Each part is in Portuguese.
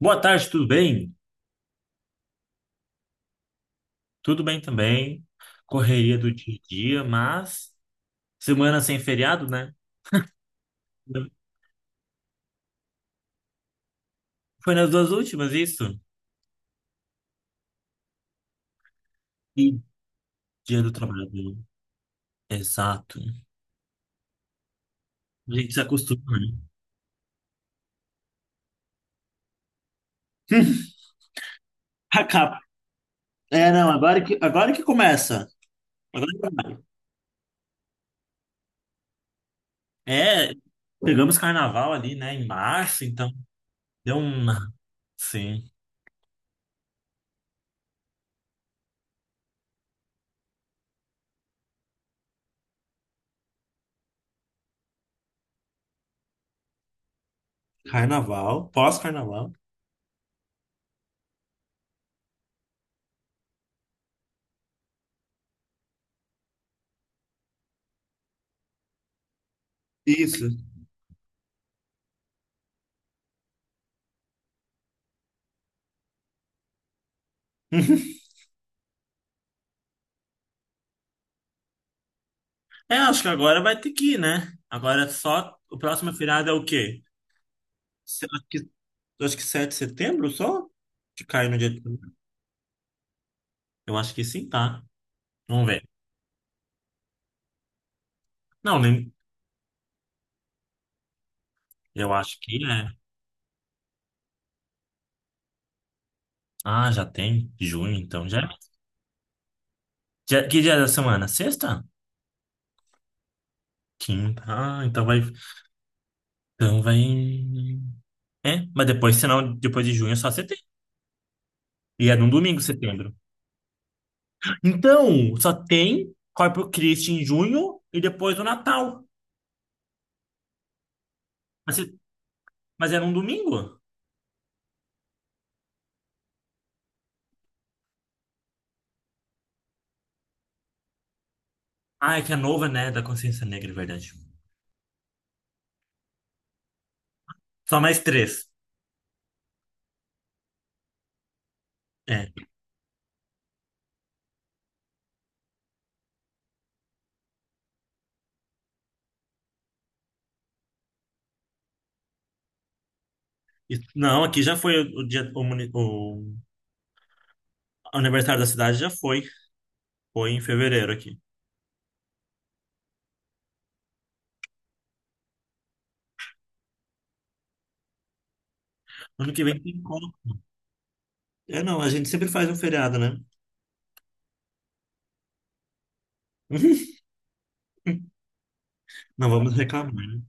Boa tarde, tudo bem? Tudo bem também. Correria do dia a dia, mas semana sem feriado, né? Foi nas duas últimas, isso? E Dia do Trabalho. Exato. A gente se acostuma, né? Acaba. É, não, agora que começa. Agora que começa. É, pegamos carnaval ali, né, em março, então deu uma. Sim, carnaval, pós-carnaval. Isso. É, acho que agora vai ter que ir, né? Agora só. O próximo feriado é o quê? Se- Acho que, acho que 7 de setembro só? Que cai no dia. Eu acho que sim, tá? Vamos ver. Não, nem, eu acho que é. Ah, já tem junho, então já. Que dia da semana? Sexta? Quinta. Ah, então vai. Então vai. É, mas depois, senão, depois de junho é só setembro. E é num domingo, setembro. Então, só tem Corpus Christi em junho e depois o Natal. Mas, mas é num domingo? Ah, é que é nova, né? Da Consciência Negra, é verdade. Só mais três. É. Não, aqui já foi o dia, o, muni- o aniversário da cidade já foi. Foi em fevereiro aqui. Ano que vem tem como. É, não, a gente sempre faz um feriado, né? Não vamos reclamar, né?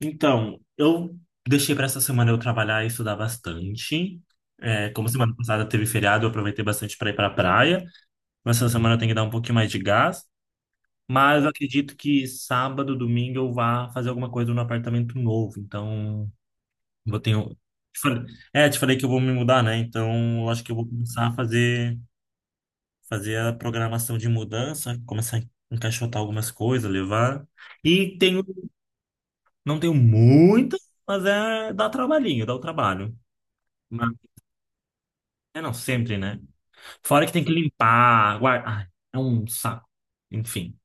Então, eu deixei para essa semana eu trabalhar e estudar bastante. É, como semana passada teve feriado, eu aproveitei bastante para ir para a praia. Mas essa semana eu tenho que dar um pouquinho mais de gás. Mas eu acredito que sábado, domingo eu vá fazer alguma coisa no apartamento novo. Então. Eu tenho... te falei- É, te falei que eu vou me mudar, né? Então, eu acho que eu vou começar a fazer, a programação de mudança, começar a encaixotar algumas coisas, levar. E tenho, não tenho muitas, mas é, dá trabalhinho, dá o trabalho. Mas, é não, sempre, né? Fora que tem que limpar, guardar. Ai, é um saco. Enfim,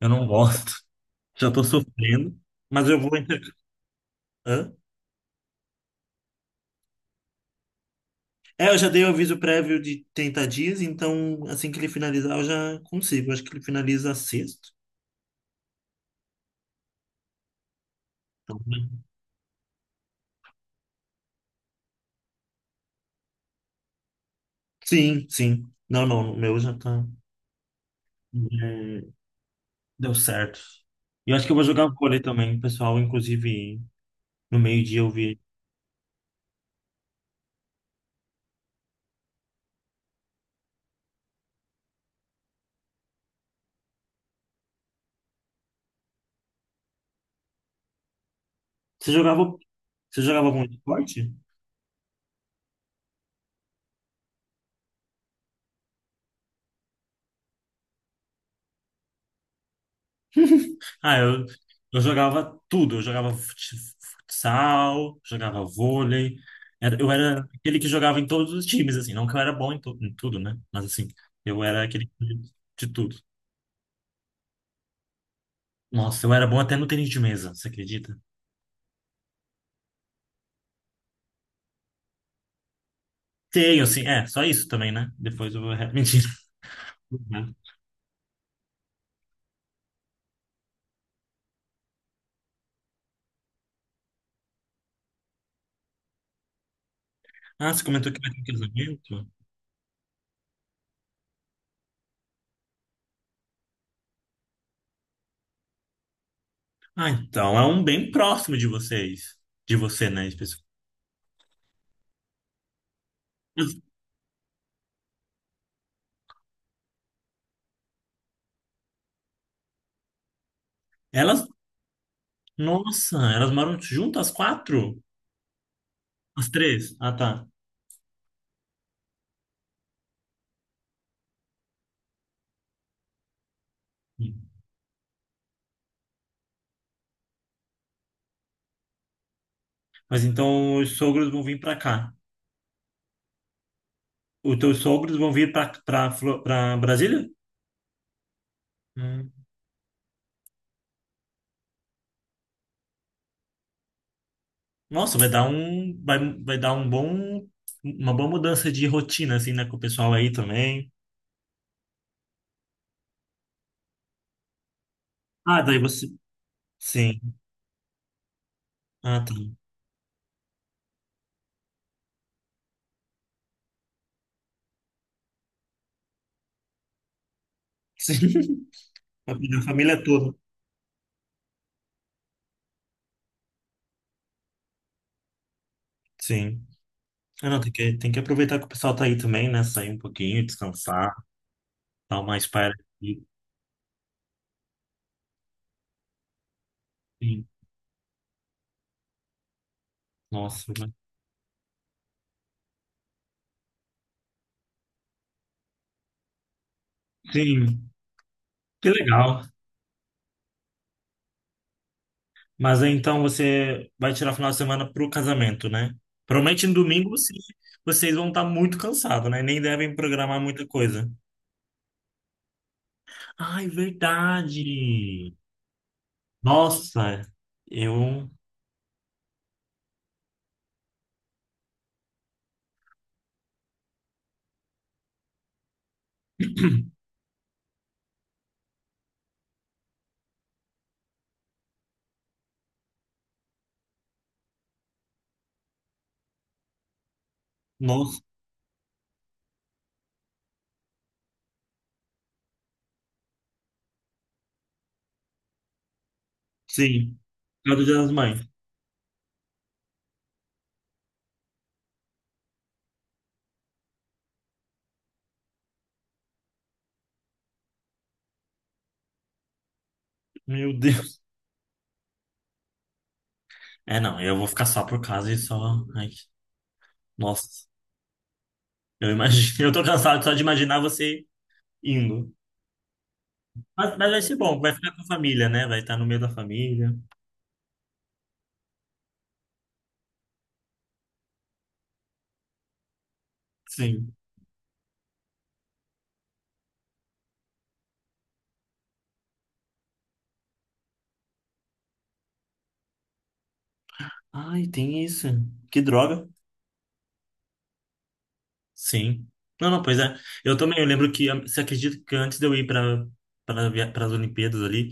eu não gosto. Já tô sofrendo, mas eu vou entrar. É, eu já dei o aviso prévio de 30 dias, então assim que ele finalizar eu já consigo. Acho que ele finaliza sexto. Então, né? Sim, sim. Não, não, o meu já tá. É, deu certo. E eu acho que eu vou jogar vôlei também, pessoal. Inclusive, no meio-dia eu vi. Você jogava, você jogava algum esporte? Ah, eu jogava tudo. Eu jogava futsal, jogava vôlei. Eu era aquele que jogava em todos os times, assim. Não que eu era bom em tudo, né? Mas, assim, eu era aquele de tudo. Nossa, eu era bom até no tênis de mesa, você acredita? Tenho, assim. É, só isso também, né? Depois eu vou. Mentira. Ah, você comentou que vai ter um casamento? Ah, então, é um bem próximo de vocês. De você, né? Especificamente. Elas. Nossa, elas moram juntas, as quatro? As três? Ah, tá. Mas então os sogros vão vir para cá. Os teus sogros vão vir para Brasília? Hum. Nossa, vai dar um vai, vai dar um bom uma boa mudança de rotina assim, né, com o pessoal aí também. Ah, daí você sim. Ah, tá. Sim. Vai pegar a família toda. Sim. Ah, não, tem que aproveitar que o pessoal tá aí também, né, sair um pouquinho, descansar, dar uma espera aqui. Sim. Nossa, sim. Que legal. Mas aí, então você vai tirar o final de semana pro casamento, né? Provavelmente no domingo vocês vão estar muito cansados, né? Nem devem programar muita coisa. Ai, verdade! Nossa, eu. Nossa, sim. É do Dia das Mães. Meu Deus. É, não, eu vou ficar só por casa e só. Ai, nossa, eu imagino. Eu tô cansado só de imaginar você indo. Mas vai ser bom, vai ficar com a família, né? Vai estar no meio da família. Sim. Ai, tem isso. Que droga. Sim. Não, não, pois é. Eu também, eu lembro que, você acredita que antes de eu ir para as Olimpíadas ali,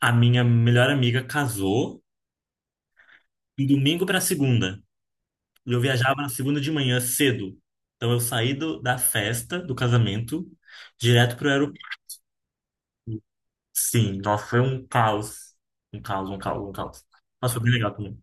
a minha melhor amiga casou de domingo para segunda. E eu viajava na segunda de manhã cedo. Então eu saí da festa, do casamento, direto pro aeroporto. Sim, nossa, foi um caos. Um caos, um caos, um caos. Mas foi bem legal também.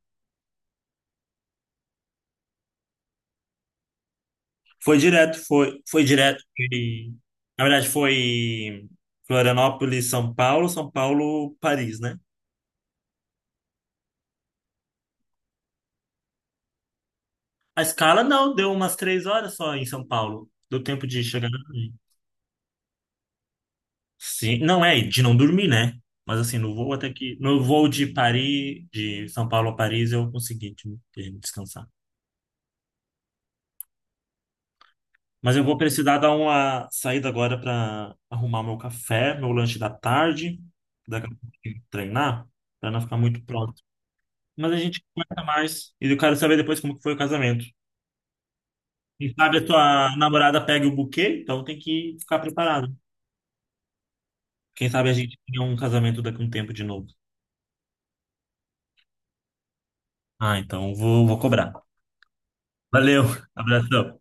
Foi direto, foi direto. Foi, na verdade, foi Florianópolis, São Paulo, São Paulo, Paris, né? A escala não, deu umas 3 horas só em São Paulo. Deu tempo de chegar lá também. Sim, não é, de não dormir, né? Mas assim, no voo até que. No voo de São Paulo a Paris, eu consegui de descansar. Mas eu vou precisar dar uma saída agora para arrumar meu café, meu lanche da tarde. Daqui a pouco eu tenho que treinar, para não ficar muito pronto. Mas a gente conversa mais. E eu quero saber depois como que foi o casamento. Quem sabe a tua namorada pega o buquê, então tem que ficar preparado. Quem sabe a gente tenha um casamento daqui a um tempo de novo. Ah, então vou, cobrar. Valeu, abração.